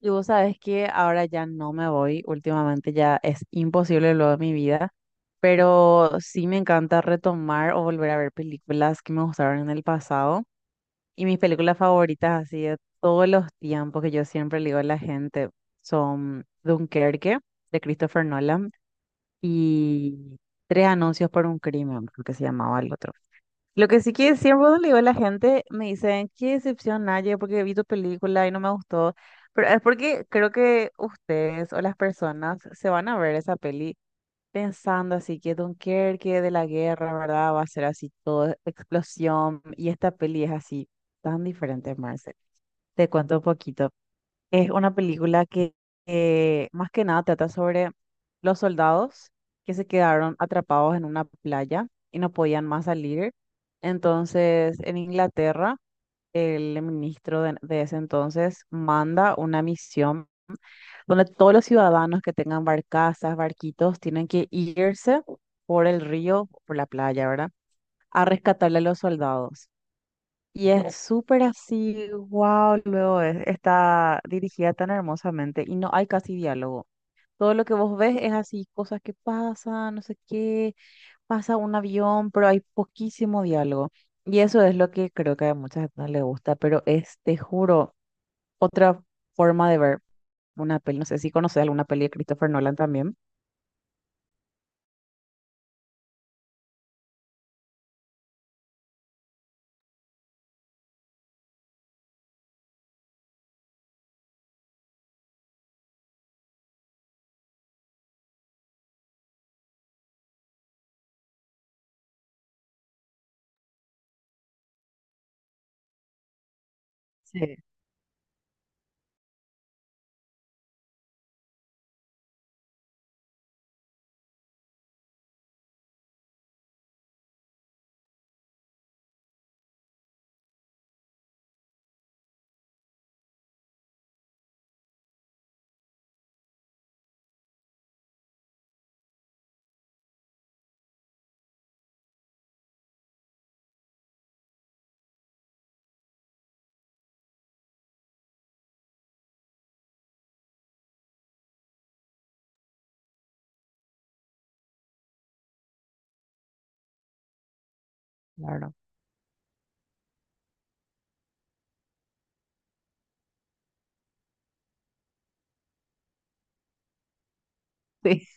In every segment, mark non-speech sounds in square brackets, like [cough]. Y vos sabés que ahora ya no me voy, últimamente ya es imposible lo de mi vida, pero sí me encanta retomar o volver a ver películas que me gustaron en el pasado. Y mis películas favoritas, así de todos los tiempos que yo siempre le digo a la gente, son Dunkerque, de Christopher Nolan, y Tres anuncios por un crimen, creo que se llamaba el otro. Lo que sí que siempre cuando le digo a la gente, me dicen, qué decepción, Naye, porque vi tu película y no me gustó. Pero es porque creo que ustedes o las personas se van a ver esa peli pensando así que Dunkerque de la guerra, ¿verdad? Va a ser así todo explosión. Y esta peli es así, tan diferente, Marcel. Te cuento un poquito. Es una película que más que nada trata sobre los soldados que se quedaron atrapados en una playa y no podían más salir. Entonces, en Inglaterra, el ministro de ese entonces manda una misión donde todos los ciudadanos que tengan barcazas, barquitos, tienen que irse por el río, por la playa, ¿verdad? A rescatarle a los soldados. Y es súper así, wow, luego está dirigida tan hermosamente y no hay casi diálogo. Todo lo que vos ves es así, cosas que pasan, no sé qué, pasa un avión, pero hay poquísimo diálogo. Y eso es lo que creo que a mucha gente no le gusta, pero es, te juro, otra forma de ver una peli. No sé si conoces alguna peli de Christopher Nolan también. Sí, claro. [laughs]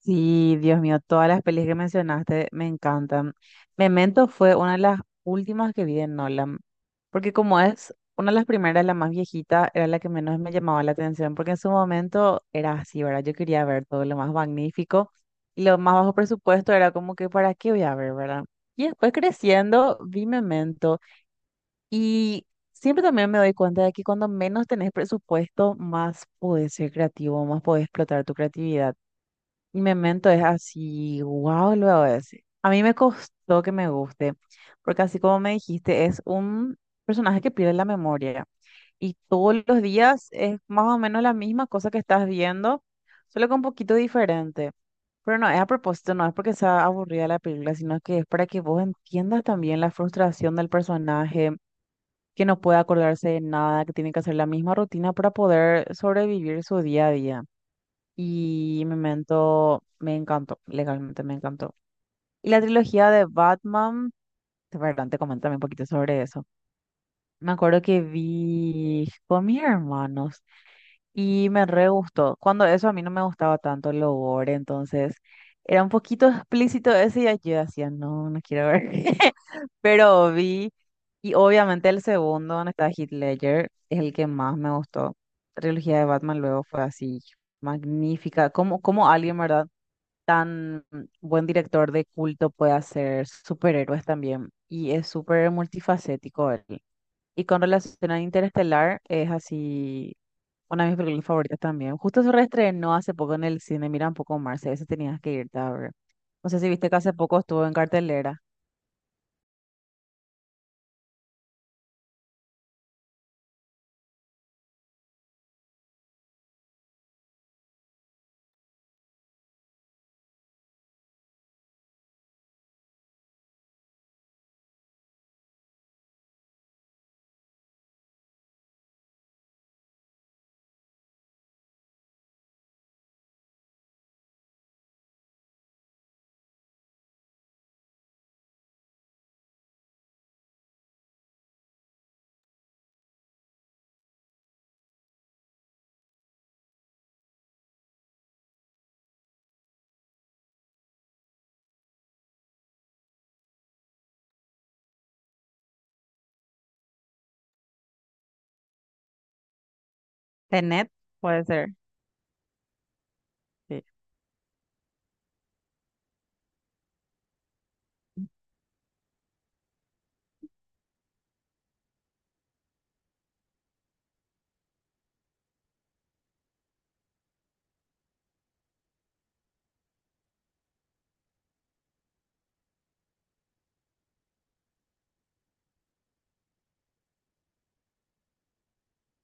Sí, Dios mío, todas las pelis que mencionaste me encantan. Memento fue una de las últimas que vi de Nolan, porque como es una de las primeras, la más viejita, era la que menos me llamaba la atención, porque en su momento era así, ¿verdad? Yo quería ver todo lo más magnífico y lo más bajo presupuesto era como que, ¿para qué voy a ver, verdad? Y después creciendo, vi Memento y siempre también me doy cuenta de que cuando menos tenés presupuesto, más podés ser creativo, más podés explotar tu creatividad. Y Memento es así, wow, luego ese. A mí me costó que me guste, porque así como me dijiste, es un personaje que pierde la memoria. Y todos los días es más o menos la misma cosa que estás viendo, solo que un poquito diferente. Pero no, es a propósito, no es porque sea aburrida la película, sino que es para que vos entiendas también la frustración del personaje, que no puede acordarse de nada, que tiene que hacer la misma rutina para poder sobrevivir su día a día y Memento me encantó, legalmente me encantó. Y la trilogía de Batman, de verdad, te comento un poquito sobre eso. Me acuerdo que vi con mis hermanos y me re gustó. Cuando eso a mí no me gustaba tanto el gore, entonces era un poquito explícito ese y yo decía, no, no quiero ver. [laughs] Pero vi, y obviamente el segundo, donde está Heath Ledger, es el que más me gustó. La trilogía de Batman luego fue así, magnífica. Como, como alguien, ¿verdad? Tan buen director de culto puede hacer superhéroes también. Y es súper multifacético él. Y con relación a Interestelar, es así una de mis películas favoritas también. Justo se reestrenó hace poco en el cine, mira un poco Marce, ese tenías que irte a ver. No sé si viste que hace poco estuvo en cartelera. Tenet, puede ser. Sí.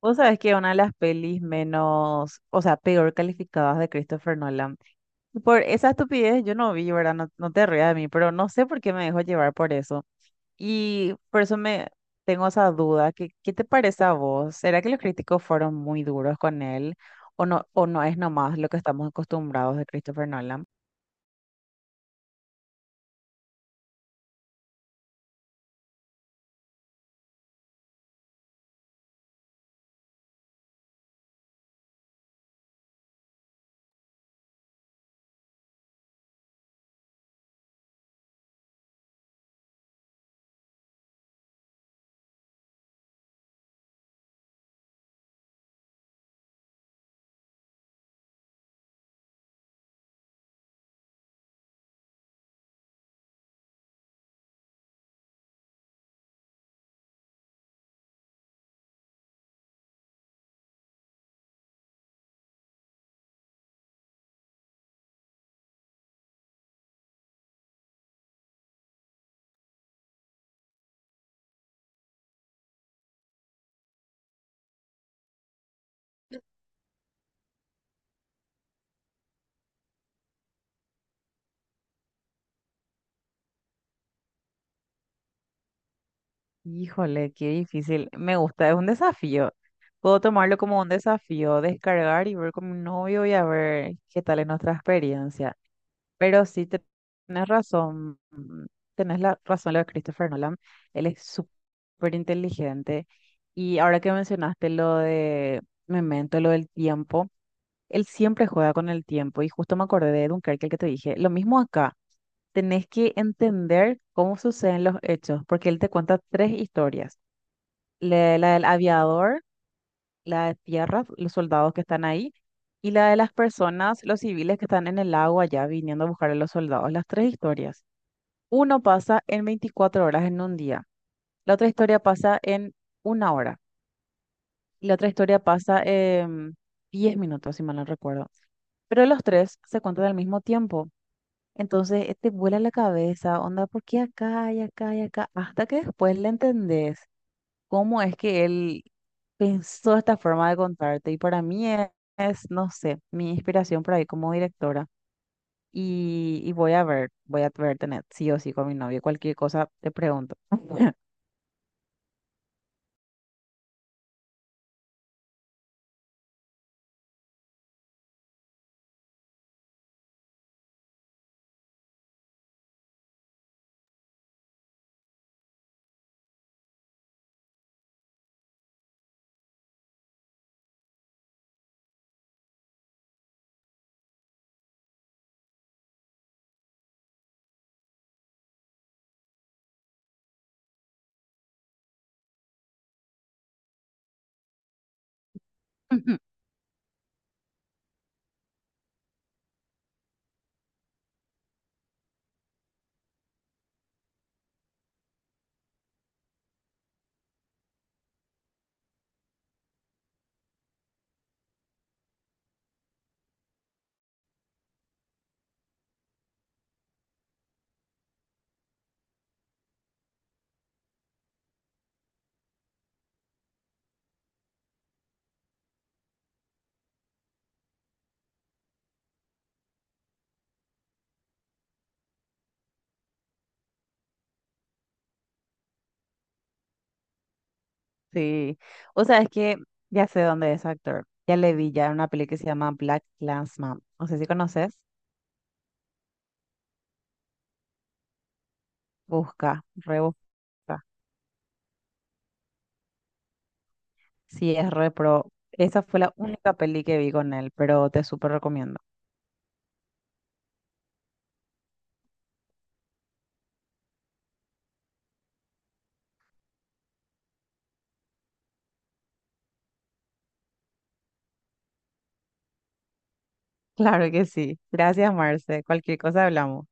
Vos sabés que una de las pelis menos, o sea, peor calificadas de Christopher Nolan. Por esa estupidez yo no vi, ¿verdad? No, no te rías de mí, pero no sé por qué me dejó llevar por eso. Y por eso me tengo esa duda. ¿Qué te parece a vos? ¿Será que los críticos fueron muy duros con él? ¿O no es nomás lo que estamos acostumbrados de Christopher Nolan? Híjole, qué difícil. Me gusta, es un desafío. Puedo tomarlo como un desafío, descargar y ver con mi novio y a ver qué tal es nuestra experiencia. Pero sí tenés razón, tenés la razón lo de Christopher Nolan, él es súper inteligente y ahora que mencionaste lo de Memento, lo del tiempo, él siempre juega con el tiempo y justo me acordé de Dunkerque, el que te dije, lo mismo acá, tenés que entender cómo suceden los hechos, porque él te cuenta tres historias, la del aviador, la de tierra, los soldados que están ahí. Y la de las personas, los civiles que están en el agua allá viniendo a buscar a los soldados, las tres historias. Uno pasa en 24 horas en un día, la otra historia pasa en una hora y la otra historia pasa en 10 minutos, si mal no recuerdo. Pero los tres se cuentan al mismo tiempo. Entonces te vuela la cabeza, onda, ¿por qué acá y acá y acá? Hasta que después le entendés cómo es que él pensó esta forma de contarte. Y para mí es, no sé, mi inspiración por ahí como directora. Y voy a ver tener sí o sí con mi novio, cualquier cosa te pregunto. [laughs] Ujú. Sí, o sea, es que ya sé dónde es actor. Ya le vi ya en una peli que se llama Black Klansman. No sé si conoces. Busca, rebusca. Sí, es re pro. Esa fue la única peli que vi con él, pero te súper recomiendo. [laughs] Claro que sí. Gracias, Marce. Cualquier cosa hablamos.